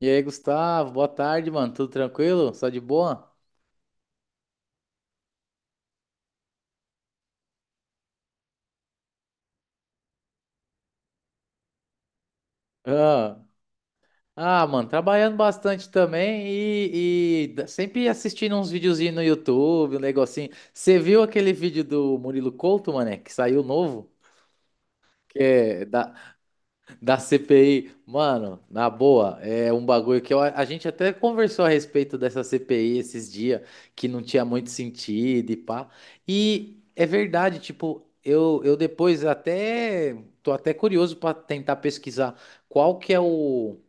E aí, Gustavo, boa tarde, mano. Tudo tranquilo? Só de boa? Ah, mano, trabalhando bastante também e sempre assistindo uns videozinhos no YouTube, um negocinho. Você viu aquele vídeo do Murilo Couto, mané, que saiu novo? Que é da, Da CPI, mano, na boa, é um bagulho que a gente até conversou a respeito dessa CPI esses dias, que não tinha muito sentido e pá. E é verdade, tipo, eu depois até tô até curioso para tentar pesquisar qual que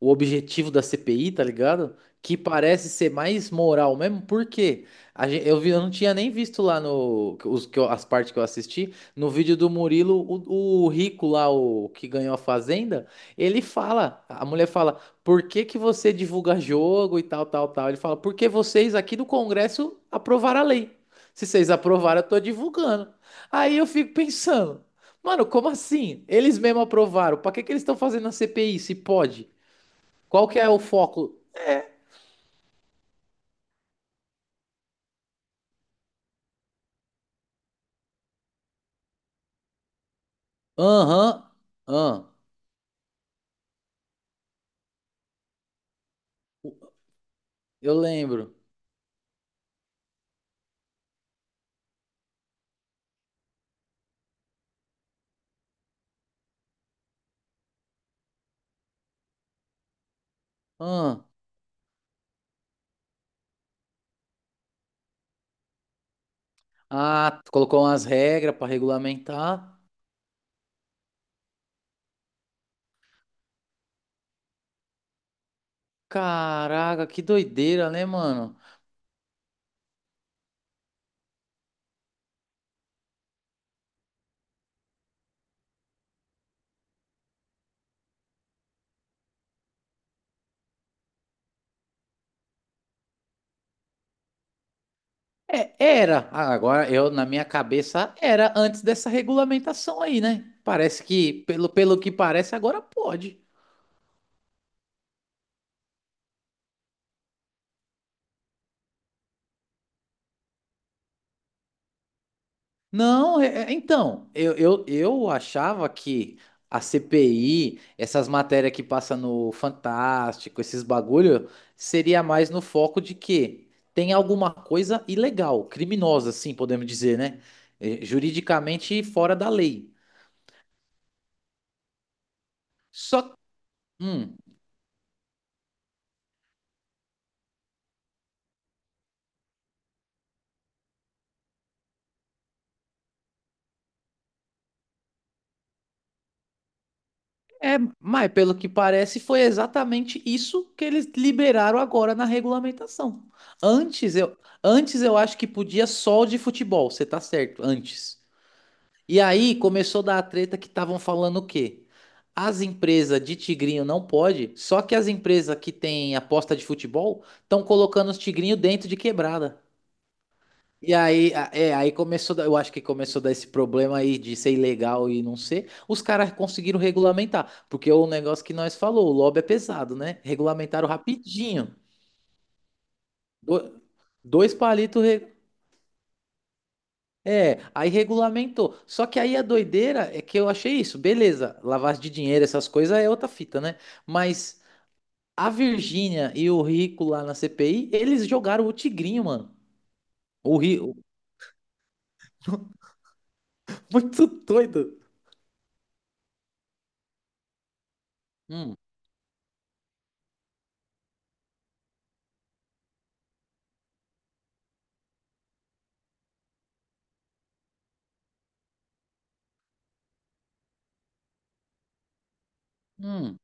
o objetivo da CPI, tá ligado? Que parece ser mais moral mesmo, porque eu vi, eu não tinha nem visto lá no os, que eu- as partes que eu assisti, no vídeo do Murilo, o rico lá, o que ganhou a fazenda, ele fala, a mulher fala, por que que você divulga jogo e tal, tal, tal? Ele fala, porque vocês aqui do Congresso aprovaram a lei. Se vocês aprovaram, eu tô divulgando. Aí eu fico pensando, mano, como assim? Eles mesmo aprovaram. Pra que que eles estão fazendo a CPI, se pode? Qual que é o foco? Aham, ahn. Eu lembro. Ahn. Ah, tu colocou umas regras para regulamentar. Caraca, que doideira, né, mano? É, era. Ah, agora eu na minha cabeça era antes dessa regulamentação aí, né? Parece que, pelo, pelo que parece, agora pode. Não, então, eu achava que a CPI, essas matérias que passa no Fantástico, esses bagulho, seria mais no foco de que tem alguma coisa ilegal, criminosa, assim, podemos dizer, né? Eh, juridicamente fora da lei. Só, hum, é, mas pelo que parece, foi exatamente isso que eles liberaram agora na regulamentação. Antes eu, antes eu acho que podia só o de futebol, você tá certo, antes. E aí começou a dar a treta que estavam falando o quê? As empresas de tigrinho não pode, só que as empresas que têm aposta de futebol estão colocando os tigrinhos dentro de quebrada. E aí, aí começou, a eu acho que começou a dar esse problema aí de ser ilegal e não ser. Os caras conseguiram regulamentar, porque é o negócio que nós falou, o lobby é pesado, né? Regulamentaram rapidinho. Do- dois palitos, é, aí regulamentou. Só que aí a doideira é que eu achei isso, beleza, lavagem de dinheiro, essas coisas é outra fita, né? Mas a Virgínia e o Rico lá na CPI, eles jogaram o tigrinho, mano. O Rico, muito doido. Hum, hum,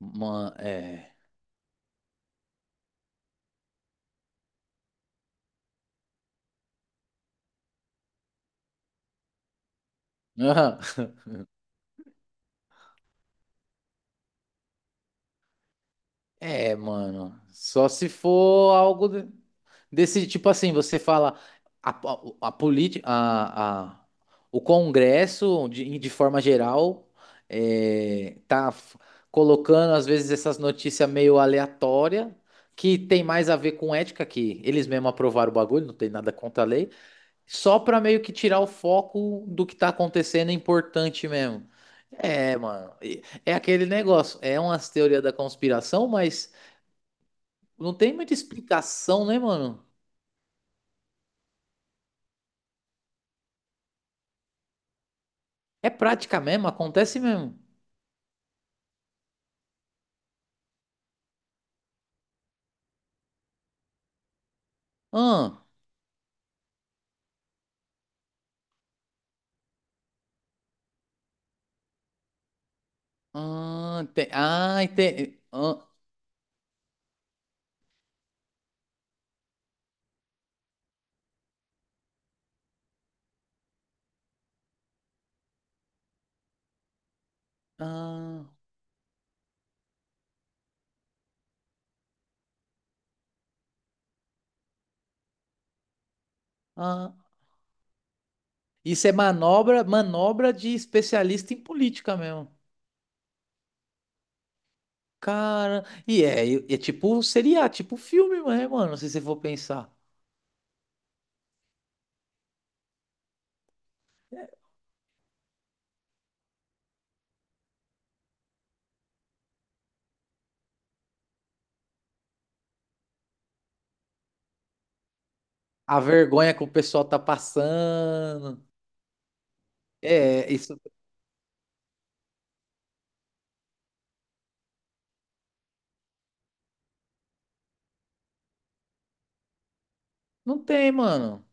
mano, é. Aham. É, mano, só se for algo. De Desse tipo assim, você fala a, politi- a- o Congresso, de forma geral, é, tá f- colocando às vezes essas notícias meio aleatórias, que tem mais a ver com ética, que eles mesmos aprovaram o bagulho, não tem nada contra a lei, só pra meio que tirar o foco do que tá acontecendo é importante mesmo. É, mano, é aquele negócio, é umas teorias da conspiração, mas não tem muita explicação, né, mano? É prática mesmo, acontece mesmo. Ah, ah, tem, ah, ente- ah, ah, ah. Isso é manobra, manobra de especialista em política mesmo. Cara, e é tipo seria, tipo filme, né, mano, se você for pensar. A vergonha que o pessoal tá passando. É, isso não tem, mano.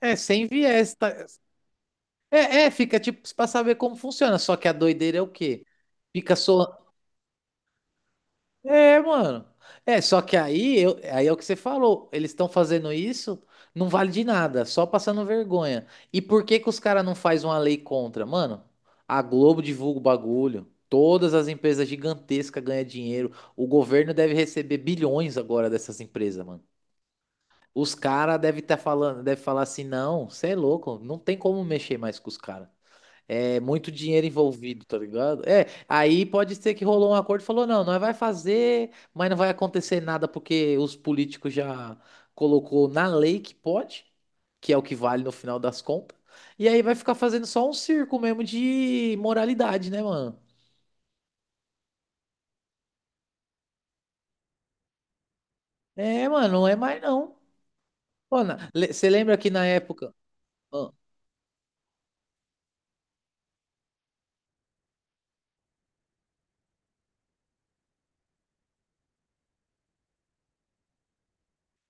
É sem viés, tá? Fica tipo pra saber como funciona, só que a doideira é o quê? Fica só É, mano. É, só que aí, aí é o que você falou. Eles estão fazendo isso, não vale de nada, só passando vergonha. E por que que os caras não faz uma lei contra? Mano, a Globo divulga o bagulho. Todas as empresas gigantescas ganham dinheiro. O governo deve receber bilhões agora dessas empresas, mano. Os caras devem estar falando, deve falar assim, não, você é louco, não tem como mexer mais com os caras. É muito dinheiro envolvido, tá ligado? É, aí pode ser que rolou um acordo e falou, não, nós vai fazer, mas não vai acontecer nada porque os políticos já colocou na lei que pode, que é o que vale no final das contas. E aí vai ficar fazendo só um circo mesmo de moralidade, né, mano? É, mano, não é mais não. Mano, você lembra que na época, ah,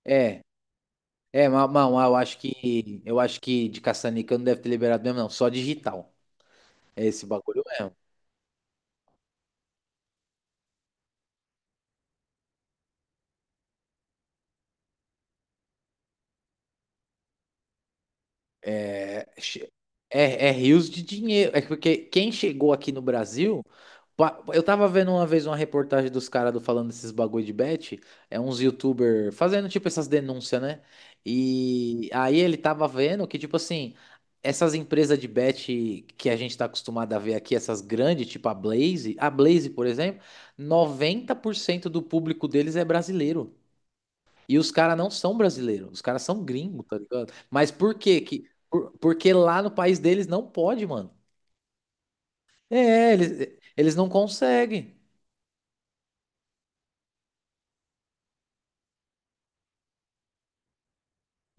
é, é, mas eu acho que de caça-níquel não deve ter liberado mesmo não, só digital. É esse bagulho mesmo. É, che- é, é rios de dinheiro. É porque quem chegou aqui no Brasil. Eu tava vendo uma vez uma reportagem dos caras falando desses bagulho de bet. É uns youtuber fazendo tipo essas denúncias, né? E aí ele tava vendo que, tipo assim, essas empresas de bet que a gente tá acostumado a ver aqui, essas grandes, tipo a Blaze, por exemplo, 90% do público deles é brasileiro. E os caras não são brasileiros, os caras são gringos, tá ligado? Mas por quê? Porque lá no país deles não pode, mano. É, eles, eles não conseguem.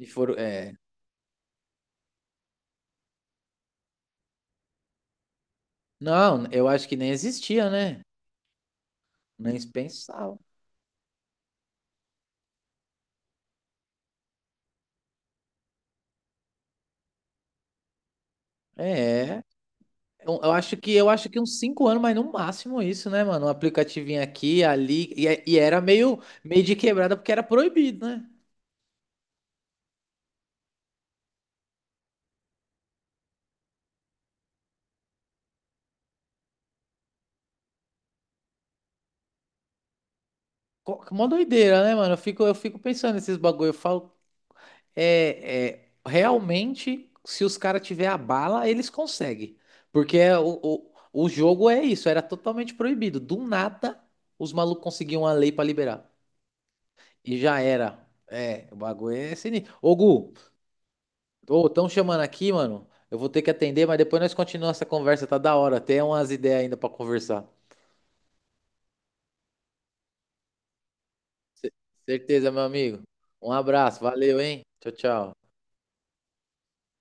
E foram, é. Não, eu acho que nem existia, né? Nem se pensava. É. Eu acho que uns 5 anos, mas no máximo isso, né, mano? Um aplicativinho aqui, ali. E era meio, meio de quebrada porque era proibido, né? Mó doideira, né, mano? Eu fico pensando nesses bagulho. Eu falo, é, é, realmente, se os caras tiver a bala, eles conseguem. Porque é o jogo é isso, era totalmente proibido. Do nada, os malucos conseguiam a lei pra liberar. E já era. É, o bagulho é sinistro. Ô, Gu, ô, tão chamando aqui, mano. Eu vou ter que atender, mas depois nós continuamos essa conversa, tá da hora. Tem umas ideias ainda pra conversar. Ce- certeza, meu amigo. Um abraço, valeu, hein? Tchau, tchau.